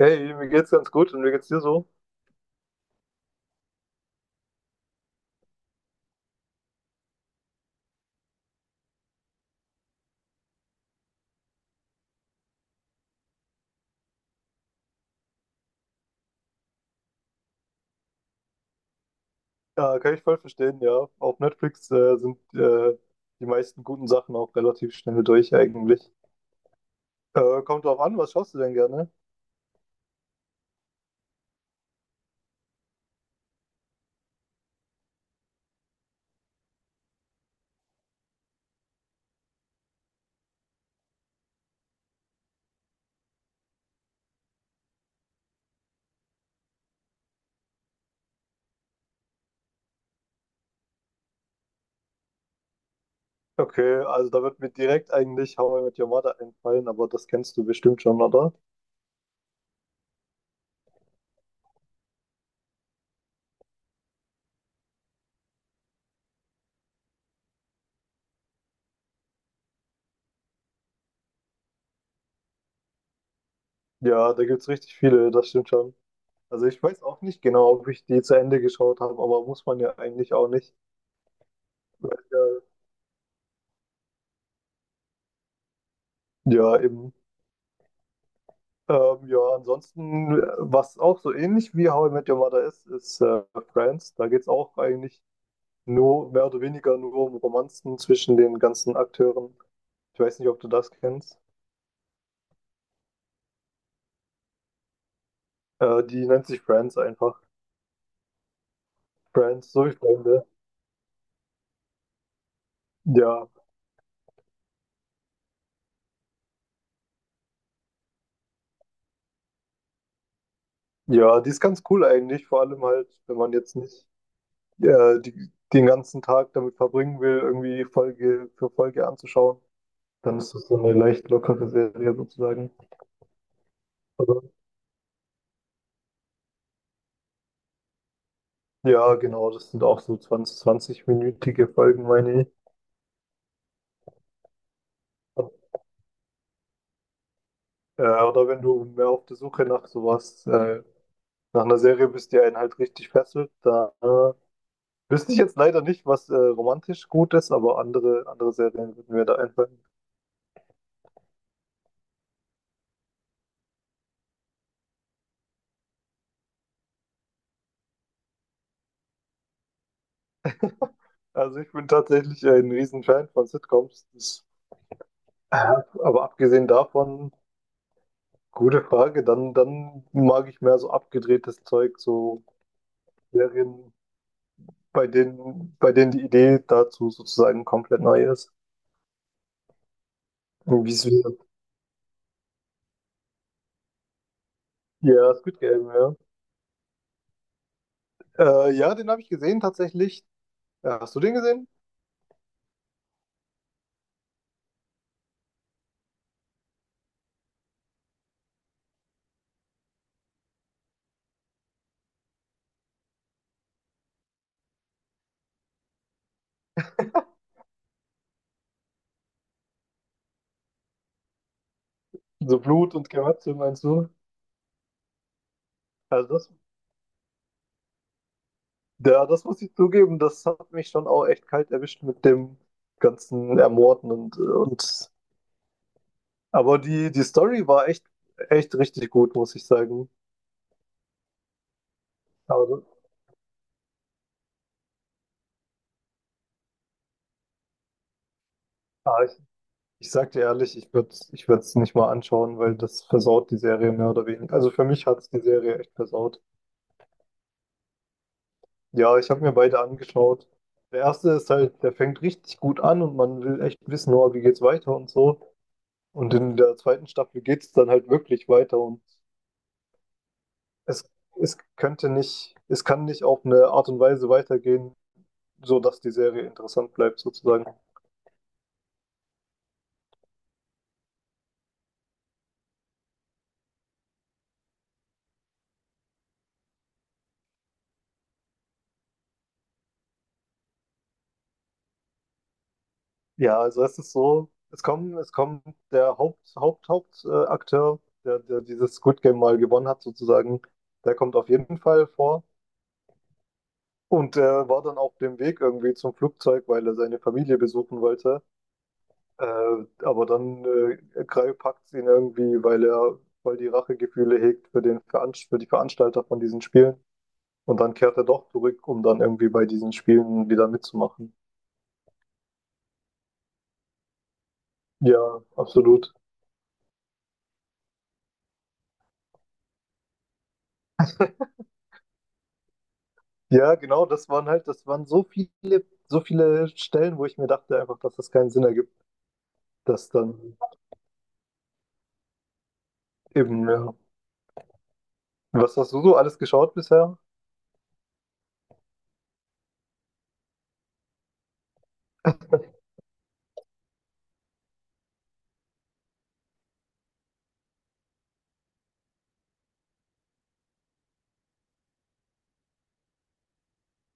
Hey, mir geht's ganz gut und mir geht's dir so? Ja, kann ich voll verstehen, ja. Auf Netflix sind die meisten guten Sachen auch relativ schnell durch eigentlich. Kommt drauf an, was schaust du denn gerne? Okay, also da wird mir direkt eigentlich How I Met Your Mother einfallen, aber das kennst du bestimmt schon, oder? Ja, da gibt's richtig viele, das stimmt schon. Also ich weiß auch nicht genau, ob ich die zu Ende geschaut habe, aber muss man ja eigentlich auch nicht. Ja, ja, eben. Ja, ansonsten, was auch so ähnlich wie How I Met Your Mother ist, ist Friends. Da geht es auch eigentlich nur, mehr oder weniger nur um Romanzen zwischen den ganzen Akteuren. Ich weiß nicht, ob du das kennst. Die nennt sich Friends einfach. Friends, so wie Freunde. Ja, ja, die ist ganz cool eigentlich, vor allem halt, wenn man jetzt nicht den ganzen Tag damit verbringen will, irgendwie Folge für Folge anzuschauen, dann ist das so eine leicht lockere Serie sozusagen. Also, Ja, genau, das sind auch so 20, 20-minütige Folgen, meine ich. Oder wenn du mehr auf der Suche nach sowas, nach einer Serie bist, die einen halt richtig fesselt, da wüsste ich jetzt leider nicht, was romantisch gut ist, aber andere Serien würden mir da einfallen. Also ich bin tatsächlich ein Riesenfan von Sitcoms. Das, äh, aber abgesehen davon, gute Frage, dann mag ich mehr so abgedrehtes Zeug, so Serien, bei denen die Idee dazu sozusagen komplett neu ist. Wieso? Ja, Squid Game, ja. Ja, den habe ich gesehen tatsächlich. Ja, hast du den gesehen? So Blut und Gemetzel, meinst du? Also das, ja, das muss ich zugeben, das hat mich schon auch echt kalt erwischt mit dem ganzen Ermorden und aber die Story war echt richtig gut, muss ich sagen. Aber ah, ich sag dir ehrlich, ich würde es nicht mal anschauen, weil das versaut die Serie mehr oder weniger. Also für mich hat es die Serie echt versaut. Ja, ich habe mir beide angeschaut. Der erste ist halt, der fängt richtig gut an und man will echt wissen, oh, wie geht's weiter und so. Und in der zweiten Staffel geht's dann halt wirklich weiter und es, es könnte nicht, es kann nicht auf eine Art und Weise weitergehen, so dass die Serie interessant bleibt sozusagen. Ja, also es ist so, es kommt der Hauptakteur, Akteur, der dieses Squid Game mal gewonnen hat sozusagen, der kommt auf jeden Fall vor. Und er war dann auf dem Weg irgendwie zum Flugzeug, weil er seine Familie besuchen wollte. Äh, aber dann Krall packt ihn irgendwie, weil die Rachegefühle hegt für den Veranst für die Veranstalter von diesen Spielen. Und dann kehrt er doch zurück, um dann irgendwie bei diesen Spielen wieder mitzumachen. Ja, absolut. Ja, genau, das waren so viele Stellen, wo ich mir dachte einfach, dass das keinen Sinn ergibt, dass dann eben, ja. Was hast du so alles geschaut bisher?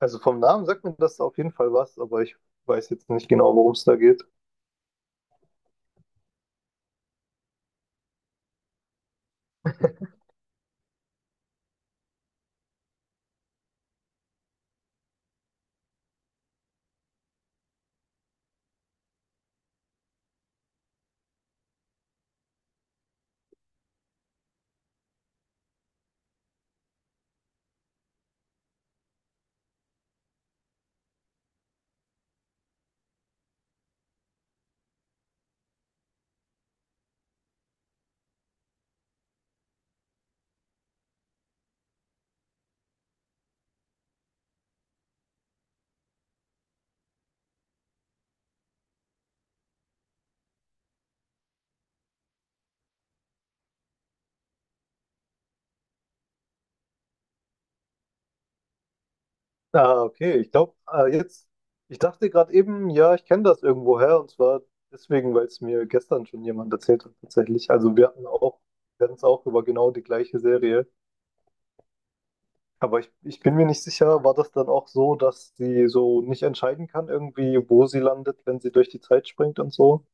Also vom Namen sagt mir das auf jeden Fall was, aber ich weiß jetzt nicht genau, worum es da geht. Ah, okay. Ich glaube, ich dachte gerade eben, ja, ich kenne das irgendwoher und zwar deswegen, weil es mir gestern schon jemand erzählt hat, tatsächlich. Wir hatten es auch über genau die gleiche Serie. Aber ich bin mir nicht sicher, war das dann auch so, dass sie so nicht entscheiden kann, irgendwie, wo sie landet, wenn sie durch die Zeit springt und so?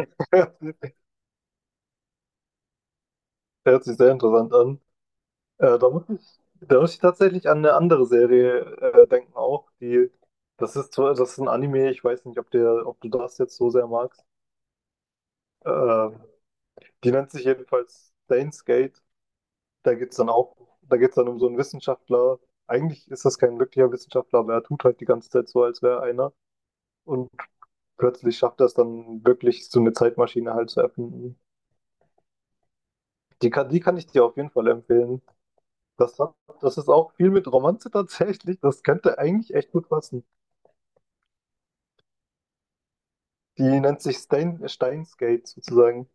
Hört sich sehr interessant an. Äh, da muss ich, Da muss ich tatsächlich an eine andere Serie denken auch, die das das ist ein Anime, ich weiß nicht, ob du das jetzt so sehr magst. Äh, Die nennt sich jedenfalls Steins Gate. Da geht's dann auch, Da geht's dann um so einen Wissenschaftler. Eigentlich ist das kein wirklicher Wissenschaftler, aber er tut halt die ganze Zeit so, als wäre er einer. Und plötzlich schafft er es dann wirklich, so eine Zeitmaschine halt zu erfinden. Die kann ich dir auf jeden Fall empfehlen. Das hat, Das ist auch viel mit Romanze tatsächlich. Das könnte eigentlich echt gut passen. Die nennt sich Steinsgate sozusagen.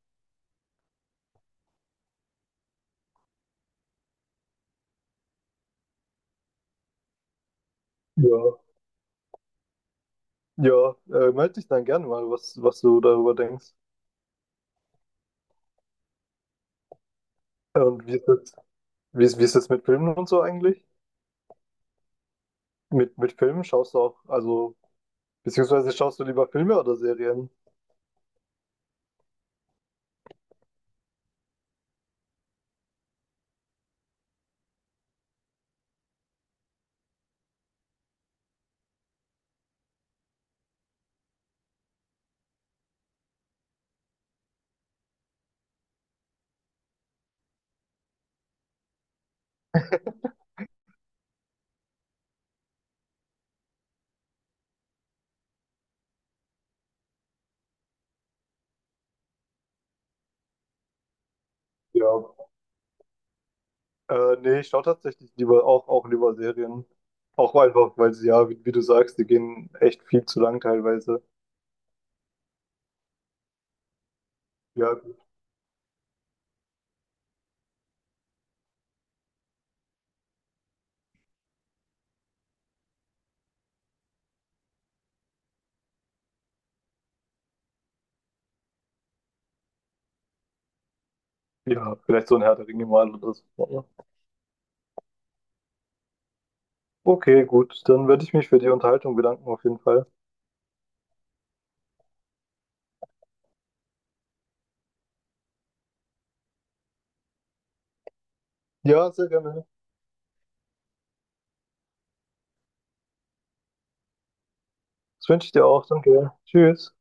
Ja. Ja, melde dich dann gerne mal, was du darüber denkst. Und wie ist das mit Filmen und so eigentlich? Mit Filmen schaust du auch, also, beziehungsweise schaust du lieber Filme oder Serien? Ja. Nee, ich schaue tatsächlich auch lieber Serien. Auch einfach, weil sie ja, wie du sagst, die gehen echt viel zu lang teilweise. Ja, ja, vielleicht so ein Herr der Ringe mal oder so. Okay, gut, dann werde ich mich für die Unterhaltung bedanken auf jeden Fall. Ja, sehr gerne. Das wünsche ich dir auch. Danke. Tschüss.